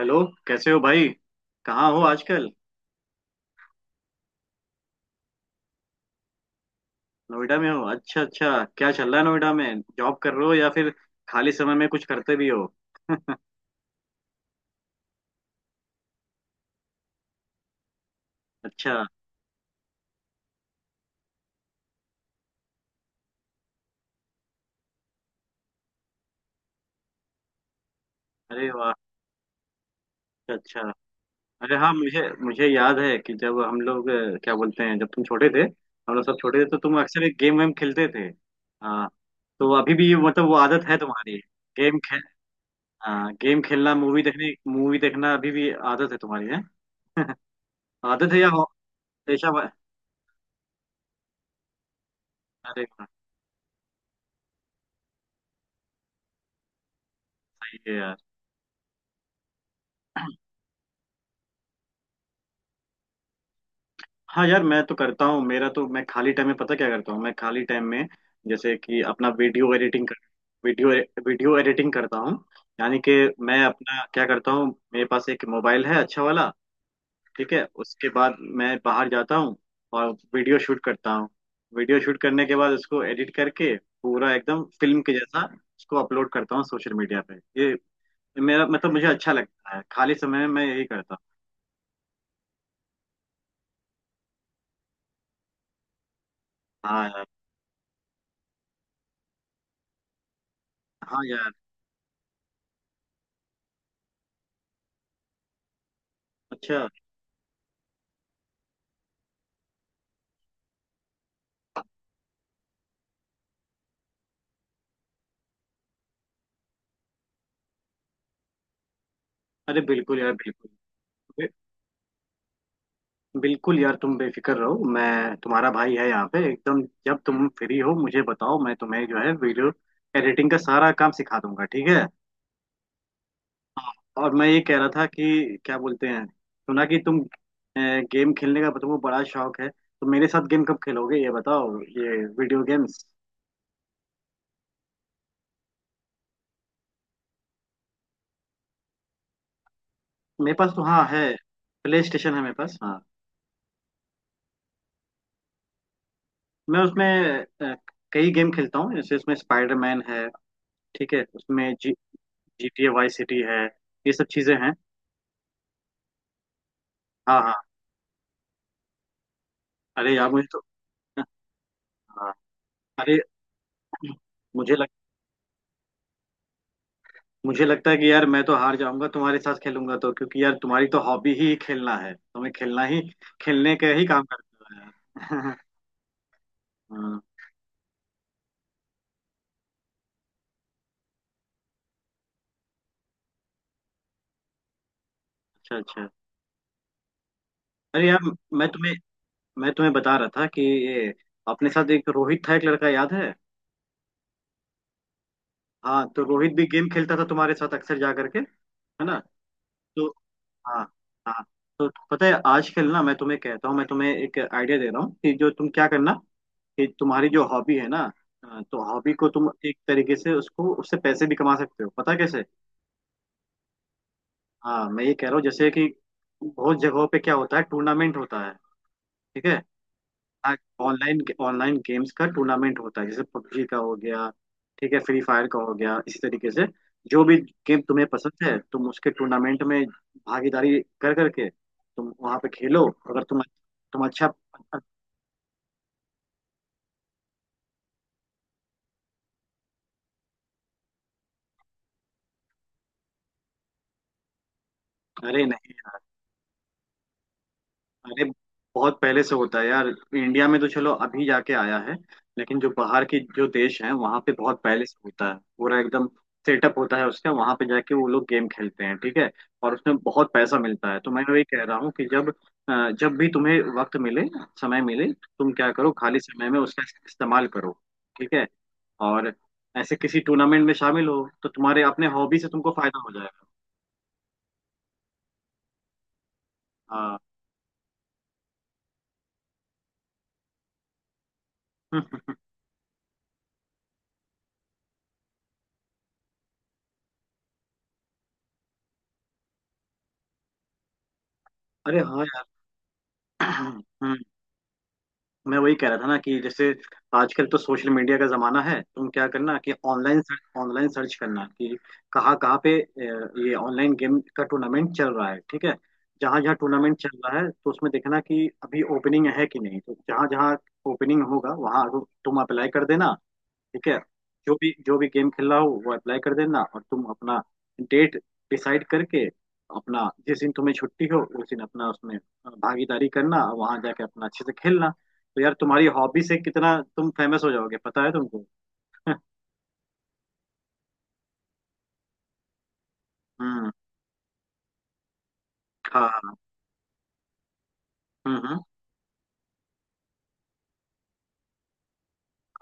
Hello, कैसे हो भाई। कहाँ हो आजकल। नोएडा में हो। अच्छा अच्छा। क्या चल रहा है नोएडा में, जॉब कर रहे हो या फिर खाली समय में कुछ करते भी हो। अच्छा। अरे वाह। अच्छा अच्छा। अरे हाँ, मुझे मुझे याद है कि जब हम लोग क्या बोलते हैं, जब तुम छोटे थे, हम लोग सब छोटे थे, तो तुम अक्सर एक गेम वेम खेलते थे। हाँ। तो अभी भी मतलब वो आदत है तुम्हारी। गेम खेल हाँ, गेम खेलना, मूवी देखना अभी भी आदत है तुम्हारी है। आदत है या पेशा। अरे वाह, सही है यार। हाँ यार, मैं तो करता हूँ। मेरा तो, मैं खाली टाइम में पता क्या करता हूँ मैं खाली टाइम में। जैसे कि अपना वीडियो वीडियो एडिटिंग करता हूँ। यानी कि मैं अपना क्या करता हूँ। मेरे पास एक मोबाइल है, अच्छा वाला। ठीक है, उसके बाद मैं बाहर जाता हूँ और वीडियो शूट करता हूँ। वीडियो शूट करने के बाद उसको एडिट करके, पूरा एकदम फिल्म के जैसा, उसको अपलोड करता हूँ सोशल मीडिया पे। ये, मेरा मतलब मुझे अच्छा लगता है, खाली समय में मैं यही करता हूँ। हाँ यार, हाँ यार। अच्छा। अरे बिल्कुल यार, बिल्कुल बिल्कुल यार, तुम बेफिक्र रहो, मैं तुम्हारा भाई है यहाँ पे एकदम। जब तुम फ्री हो मुझे बताओ, मैं तुम्हें जो है वीडियो एडिटिंग का सारा काम सिखा दूंगा। ठीक है। और मैं ये कह रहा था कि, क्या बोलते हैं, सुना कि तुम गेम खेलने का तुमको बड़ा शौक है, तो मेरे साथ गेम कब खेलोगे ये बताओ, ये वीडियो गेम्स। मेरे पास तो हाँ है। प्ले स्टेशन है मेरे पास, हाँ। मैं उसमें अ, कई गेम खेलता हूँ, जैसे उसमें स्पाइडरमैन है। ठीक है, उसमें G G T A Vice City है। ये सब चीजें हैं। हाँ हाँ। अरे यार मुझे तो, हाँ। अरे, मुझे लग मुझे लगता है कि यार, मैं तो हार जाऊंगा तुम्हारे साथ खेलूंगा तो, क्योंकि यार तुम्हारी तो हॉबी ही खेलना है, तुम्हें खेलना ही खेलने का ही काम करते हो यार। हाँ, अच्छा अच्छा। अरे यार, मैं तुम्हें मैं तुम्हें बता रहा था कि ये, अपने साथ एक रोहित था, एक लड़का, याद है। हाँ तो रोहित भी गेम खेलता था तुम्हारे साथ, अक्सर जा करके, है ना। तो। हाँ हाँ। तो पता है, आजकल ना मैं तुम्हें एक आइडिया दे रहा हूँ कि जो तुम क्या करना, कि तुम्हारी जो हॉबी है ना, तो हॉबी को तुम एक तरीके से उसको उससे पैसे भी कमा सकते हो, पता है कैसे। हाँ, मैं ये कह रहा हूँ जैसे कि, बहुत जगहों पे क्या होता है, टूर्नामेंट होता है। ठीक है। ऑनलाइन ऑनलाइन गेम्स का टूर्नामेंट होता है, जैसे पबजी का हो गया, ठीक है, फ्री फायर का हो गया, इसी तरीके से जो भी गेम तुम्हें पसंद है तुम उसके टूर्नामेंट में भागीदारी कर करके तुम वहां पे खेलो। अगर तुम अच्छा। अरे नहीं, अरे बहुत पहले से होता है यार। इंडिया में तो चलो अभी जाके आया है, लेकिन जो बाहर की जो देश हैं वहां पे बहुत पहले से होता है। पूरा एकदम सेटअप होता है उसका, वहां पे जाके वो लोग गेम खेलते हैं। ठीक है। और उसमें बहुत पैसा मिलता है, तो मैं वही कह रहा हूँ कि जब भी तुम्हें वक्त मिले समय मिले, तुम क्या करो, खाली समय में उसका इस्तेमाल करो। ठीक है। और ऐसे किसी टूर्नामेंट में शामिल हो तो तुम्हारे अपने हॉबी से तुमको फायदा हो जाएगा। हाँ। अरे हाँ यार। हम्म। मैं वही कह रहा था ना कि जैसे, आजकल तो सोशल मीडिया का जमाना है। तुम क्या करना कि ऑनलाइन सर्च करना कि कहाँ कहाँ पे ये ऑनलाइन गेम का टूर्नामेंट चल रहा है। ठीक है। जहाँ जहाँ टूर्नामेंट चल रहा है, तो उसमें देखना कि अभी ओपनिंग है कि नहीं, तो जहाँ जहाँ ओपनिंग होगा वहाँ तुम अप्लाई कर देना। ठीक है। जो भी गेम खेल रहा हो वो अप्लाई कर देना, और तुम अपना डेट डिसाइड करके, अपना जिस दिन तुम्हें छुट्टी हो उस दिन अपना उसमें भागीदारी करना और वहां जाके अपना अच्छे से खेलना। तो यार, तुम्हारी हॉबी से कितना तुम फेमस हो जाओगे, पता है तुमको। हम्म। हाँ। हम्म हम्म,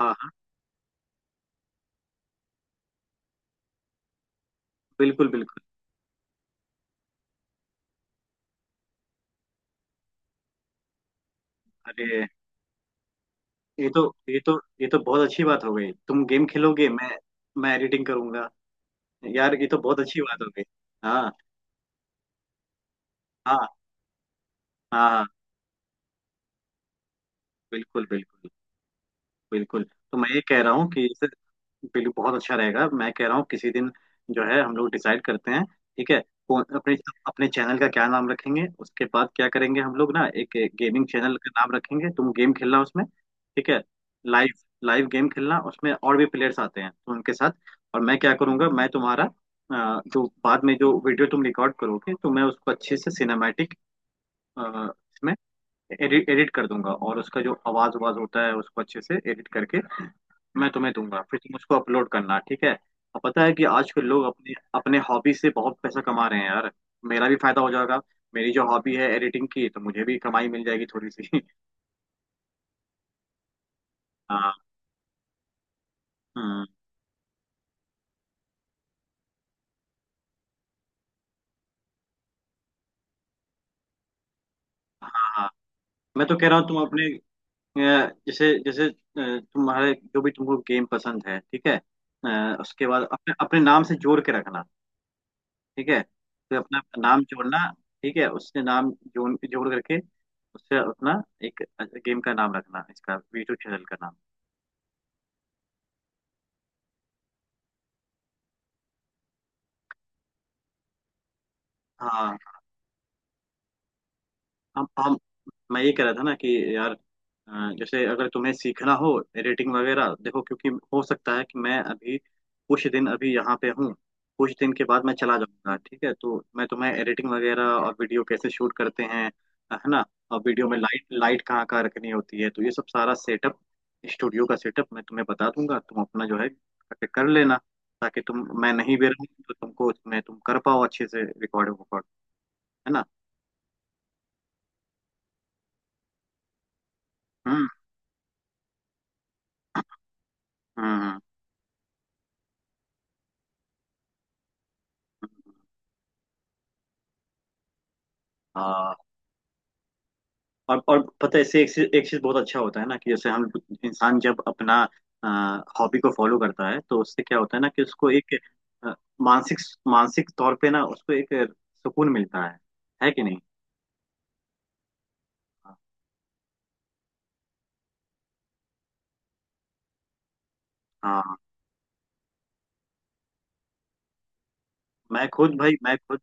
हाँ हाँ। बिल्कुल बिल्कुल। अरे, ये तो ये तो ये तो बहुत अच्छी बात हो गई। तुम गेम खेलोगे, मैं एडिटिंग करूंगा। यार, ये तो बहुत अच्छी बात हो गई। हाँ हाँ हाँ हाँ, बिल्कुल बिल्कुल बिल्कुल। तो मैं ये कह रहा हूँ कि इसे, बिल्कुल बहुत अच्छा रहेगा। मैं कह रहा हूँ किसी दिन जो है, हम लोग डिसाइड करते हैं। ठीक है। अपने अपने चैनल का क्या नाम रखेंगे, उसके बाद क्या करेंगे हम लोग ना, एक गेमिंग चैनल का नाम रखेंगे। तुम गेम खेलना उसमें, ठीक है। लाइव लाइव गेम खेलना उसमें, और भी प्लेयर्स आते हैं तो उनके साथ। और मैं क्या करूंगा, मैं तुम्हारा जो बाद में जो वीडियो तुम रिकॉर्ड करोगे तो मैं उसको अच्छे से सिनेमैटिक इसमें एडिट एडिट कर दूंगा, और उसका जो आवाज आवाज होता है उसको अच्छे से एडिट करके मैं तुम्हें दूंगा, फिर तुम उसको अपलोड करना। ठीक है। और पता है कि आजकल लोग अपने अपने हॉबी से बहुत पैसा कमा रहे हैं यार। मेरा भी फायदा हो जाएगा, मेरी जो हॉबी है एडिटिंग की, तो मुझे भी कमाई मिल जाएगी थोड़ी सी। हाँ। हम्म, हाँ हाँ। मैं तो कह रहा हूँ तुम अपने अ, जैसे जैसे तुम्हारे जो भी तुमको गेम पसंद है, ठीक है, उसके बाद अपने अपने नाम से जोड़ के रखना। ठीक है। फिर अपना नाम जोड़ना, ठीक है, उससे नाम जोड़ जोड़ करके उससे अपना एक गेम का नाम रखना, इसका वीटू चैनल का नाम। हाँ। हम मैं ये कह रहा था ना कि यार, जैसे अगर तुम्हें सीखना हो एडिटिंग वगैरह, देखो, क्योंकि हो सकता है कि मैं अभी कुछ दिन अभी यहाँ पे हूँ, कुछ दिन के बाद मैं चला जाऊंगा, ठीक है। तो मैं तुम्हें एडिटिंग वगैरह और वीडियो कैसे शूट करते हैं, है ना। और वीडियो में लाइट लाइट कहाँ कहाँ रखनी होती है, तो ये सब सारा सेटअप स्टूडियो का सेटअप मैं तुम्हें बता दूंगा, तुम अपना जो है कर लेना। ताकि तुम, मैं नहीं भी रहूँ तो तुमको, मैं तुम कर पाओ अच्छे से रिकॉर्ड वकॉर्ड, है ना। हम्म हम्म हम्म, हम्म। हाँ, और पता है, इससे एक चीज बहुत अच्छा होता है ना, कि जैसे हम इंसान जब अपना हॉबी को फॉलो करता है तो उससे क्या होता है ना, कि उसको एक अ, मानसिक मानसिक तौर पे ना उसको एक सुकून मिलता है कि नहीं। हाँ, मैं खुद भाई मैं खुद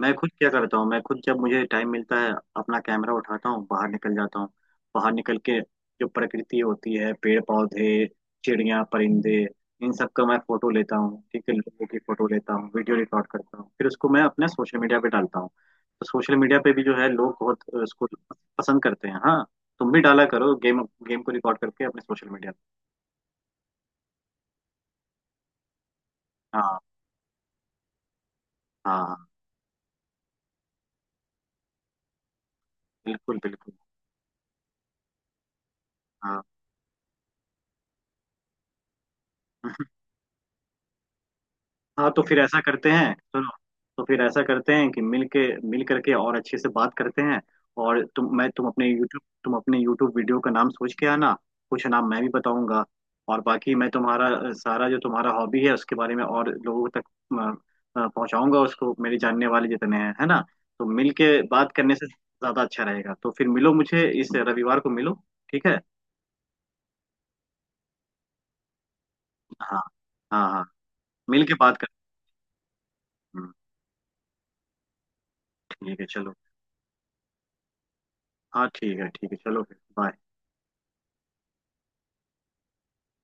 मैं खुद क्या करता हूँ, मैं खुद जब मुझे टाइम मिलता है, अपना कैमरा उठाता हूँ, बाहर निकल जाता हूँ, बाहर निकल के जो प्रकृति होती है, पेड़ पौधे, चिड़िया परिंदे, इन सब का मैं फोटो लेता हूँ। ठीक है, लोगों की फोटो लेता हूँ, वीडियो रिकॉर्ड करता हूँ, फिर उसको मैं अपने सोशल मीडिया पे डालता हूँ। तो सोशल मीडिया पे भी जो है लोग बहुत उसको पसंद करते हैं, हाँ। तुम भी डाला करो, गेम गेम को रिकॉर्ड करके अपने सोशल मीडिया पे। हाँ हाँ हाँ, बिल्कुल बिल्कुल। हाँ हाँ। तो फिर ऐसा करते हैं सुनो, तो फिर ऐसा करते हैं कि मिल के मिल करके और अच्छे से बात करते हैं। और तुम अपने यूट्यूब वीडियो का नाम सोच के आना, कुछ नाम मैं भी बताऊंगा। और बाकी मैं तुम्हारा सारा जो तुम्हारा हॉबी है उसके बारे में और लोगों तक पहुंचाऊंगा, उसको मेरे जानने वाले जितने हैं, है ना। तो मिल के बात करने से ज्यादा अच्छा रहेगा, तो फिर मिलो मुझे, इस रविवार को मिलो। ठीक है। हाँ हाँ हाँ। मिल के बात कर हम्म, ठीक है चलो। हाँ ठीक है, ठीक है चलो फिर बाय।